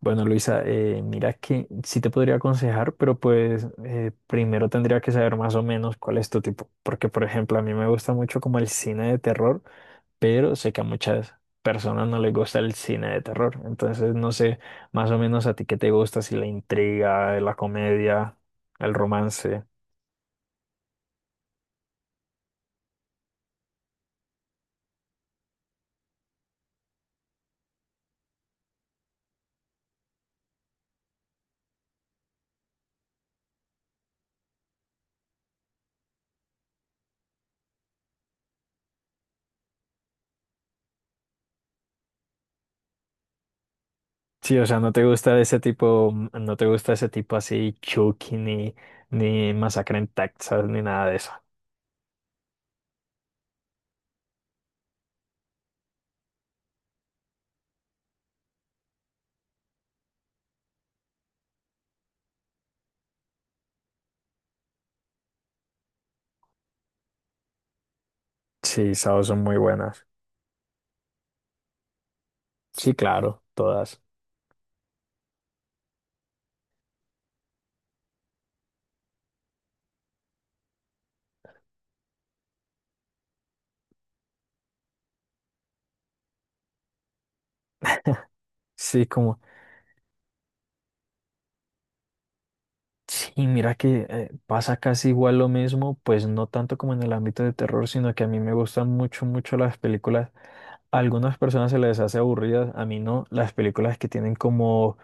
Bueno, Luisa, mira que sí te podría aconsejar, pero pues primero tendría que saber más o menos cuál es tu tipo, porque por ejemplo a mí me gusta mucho como el cine de terror, pero sé que a muchas personas no les gusta el cine de terror, entonces no sé más o menos a ti qué te gusta, si la intriga, la comedia, el romance. Sí, o sea, no te gusta ese tipo, no te gusta ese tipo así Chucky ni Masacre en Texas ni nada de eso. Sí, esas son muy buenas. Sí, claro, todas. Sí, como, sí, mira que pasa casi igual lo mismo, pues no tanto como en el ámbito de terror, sino que a mí me gustan mucho las películas. A algunas personas se les hace aburridas, a mí no, las películas que tienen como,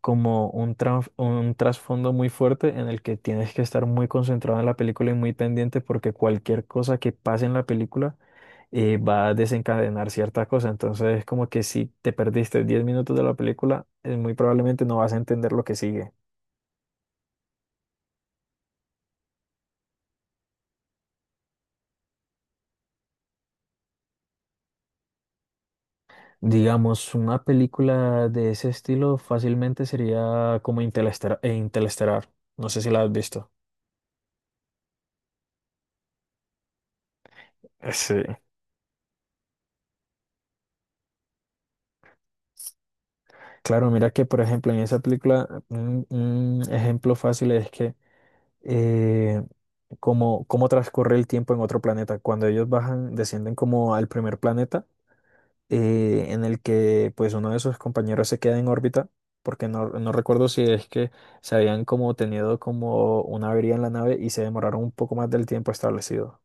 como un trasfondo muy fuerte en el que tienes que estar muy concentrado en la película y muy pendiente porque cualquier cosa que pase en la película va a desencadenar cierta cosa. Entonces, como que si te perdiste 10 minutos de la película, muy probablemente no vas a entender lo que sigue. Digamos, una película de ese estilo fácilmente sería como Interestelar. Interestelar. No sé si la has visto. Sí. Claro, mira que, por ejemplo, en esa película, un ejemplo fácil es que eh, como, cómo transcurre el tiempo en otro planeta. Cuando ellos bajan, descienden como al primer planeta, en el que pues uno de sus compañeros se queda en órbita, porque no recuerdo si es que se habían como tenido como una avería en la nave y se demoraron un poco más del tiempo establecido.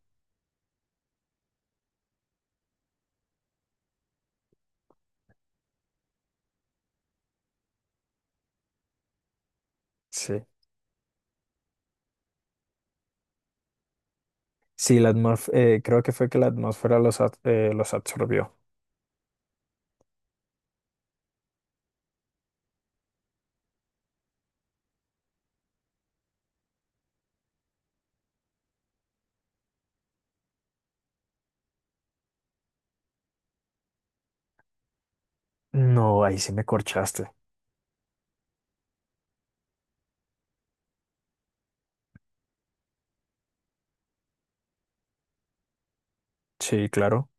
Sí, sí, la atmósfera, creo que fue que la atmósfera los absorbió. No, ahí sí me corchaste. Sí, claro.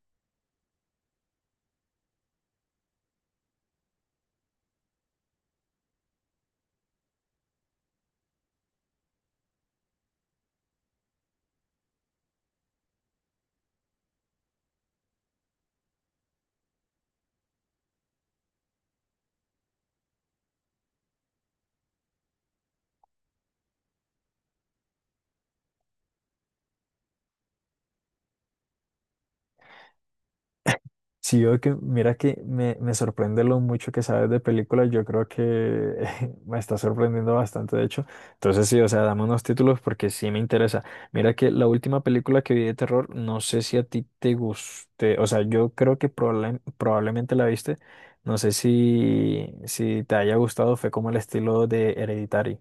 Sí, yo que, mira que me sorprende lo mucho que sabes de películas. Yo creo que me está sorprendiendo bastante, de hecho. Entonces, sí, o sea, dame unos títulos porque sí me interesa. Mira que la última película que vi de terror, no sé si a ti te guste. O sea, yo creo que probablemente la viste. No sé si te haya gustado, fue como el estilo de Hereditary.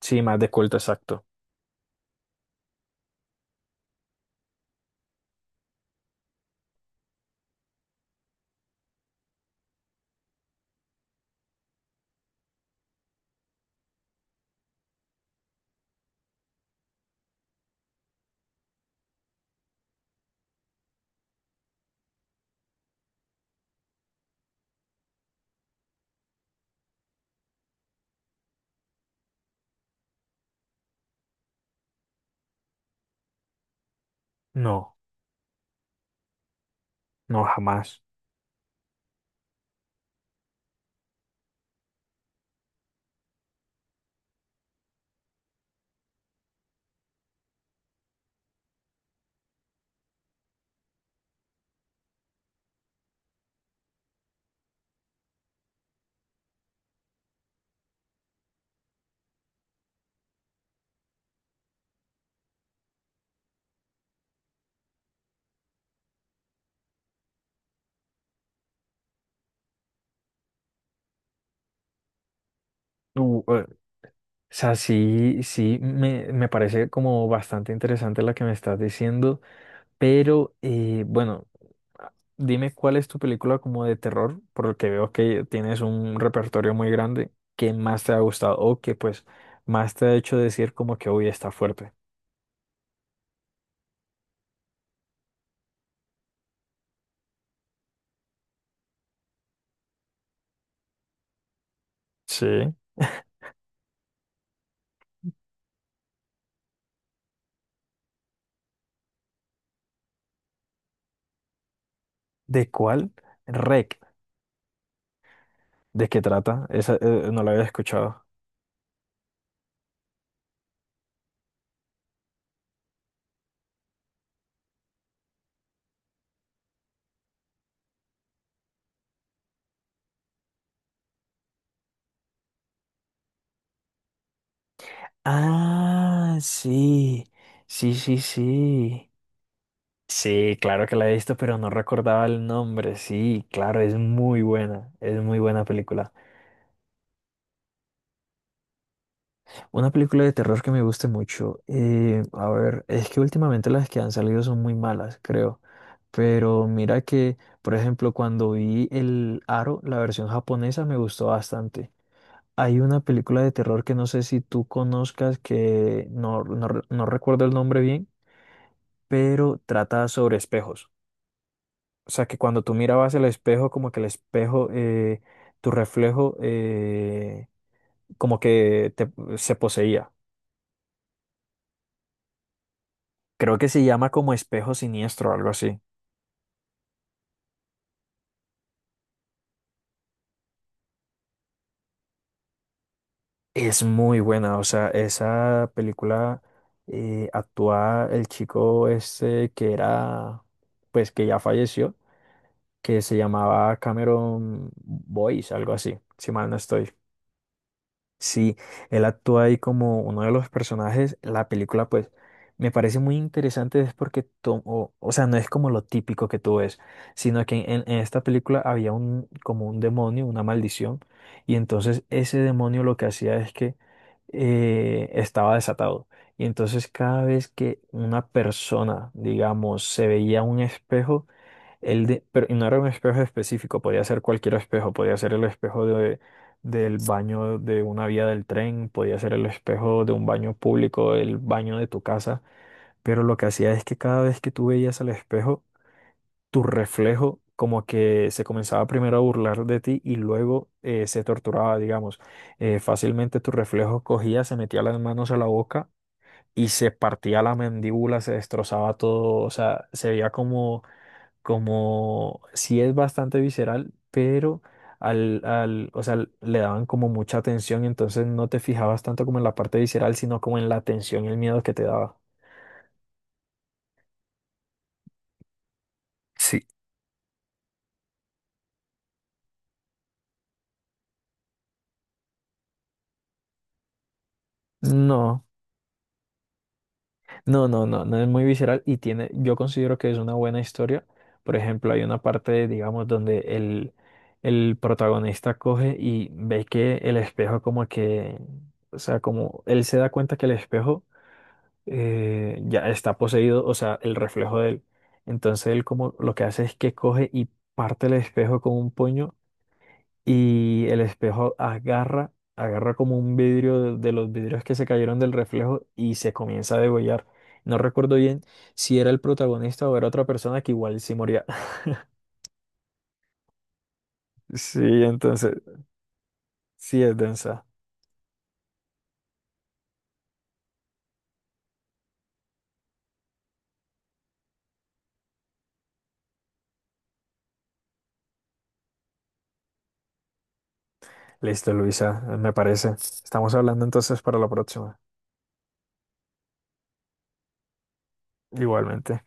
Sí, más de culto, exacto. No, no, jamás. O sea, sí, sí, me parece como bastante interesante la que me estás diciendo, pero bueno, dime cuál es tu película como de terror, por lo que veo que tienes un repertorio muy grande, que más te ha gustado o que pues más te ha hecho decir como que hoy está fuerte. Sí. ¿De cuál? Rec. ¿De qué trata? Esa no la había escuchado. Ah, sí, sí, sí, sí. Sí, claro que la he visto, pero no recordaba el nombre. Sí, claro, es muy buena película. Una película de terror que me guste mucho. A ver, es que últimamente las que han salido son muy malas, creo. Pero mira que, por ejemplo, cuando vi El Aro, la versión japonesa, me gustó bastante. Hay una película de terror que no sé si tú conozcas, que no recuerdo el nombre bien pero trata sobre espejos. O sea, que cuando tú mirabas el espejo, como que el espejo, tu reflejo, como que te- se poseía. Creo que se llama como espejo siniestro o algo así. Es muy buena, o sea, esa película actúa el chico ese que era, pues que ya falleció, que se llamaba Cameron Boyce, algo así, si mal no estoy. Sí, él actúa ahí como uno de los personajes. La película, pues, me parece muy interesante, es porque tomó, o sea, no es como lo típico que tú ves, sino que en esta película había como un demonio, una maldición, y entonces ese demonio lo que hacía es que estaba desatado. Y entonces cada vez que una persona, digamos, se veía un espejo, el de, pero y no era un espejo específico, podía ser cualquier espejo, podía ser el espejo del baño de una vía del tren, podía ser el espejo de un baño público, el baño de tu casa, pero lo que hacía es que cada vez que tú veías al espejo, tu reflejo como que se comenzaba primero a burlar de ti y luego se torturaba, digamos. Fácilmente tu reflejo cogía, se metía las manos a la boca y se partía la mandíbula, se destrozaba todo, o sea, se veía como como sí es bastante visceral, pero o sea, le daban como mucha atención, entonces no te fijabas tanto como en la parte visceral, sino como en la tensión y el miedo que te daba. Sí. No, no, no es muy visceral y tiene, yo considero que es una buena historia. Por ejemplo, hay una parte, digamos, donde el protagonista coge y ve que el espejo como que, o sea, como él se da cuenta que el espejo ya está poseído, o sea, el reflejo de él. Entonces él como lo que hace es que coge y parte el espejo con un puño y el espejo agarra como un vidrio de los vidrios que se cayeron del reflejo y se comienza a degollar. No recuerdo bien si era el protagonista o era otra persona que igual sí moría. Sí, entonces, sí es densa. Listo, Luisa, me parece. Estamos hablando entonces para la próxima. Igualmente.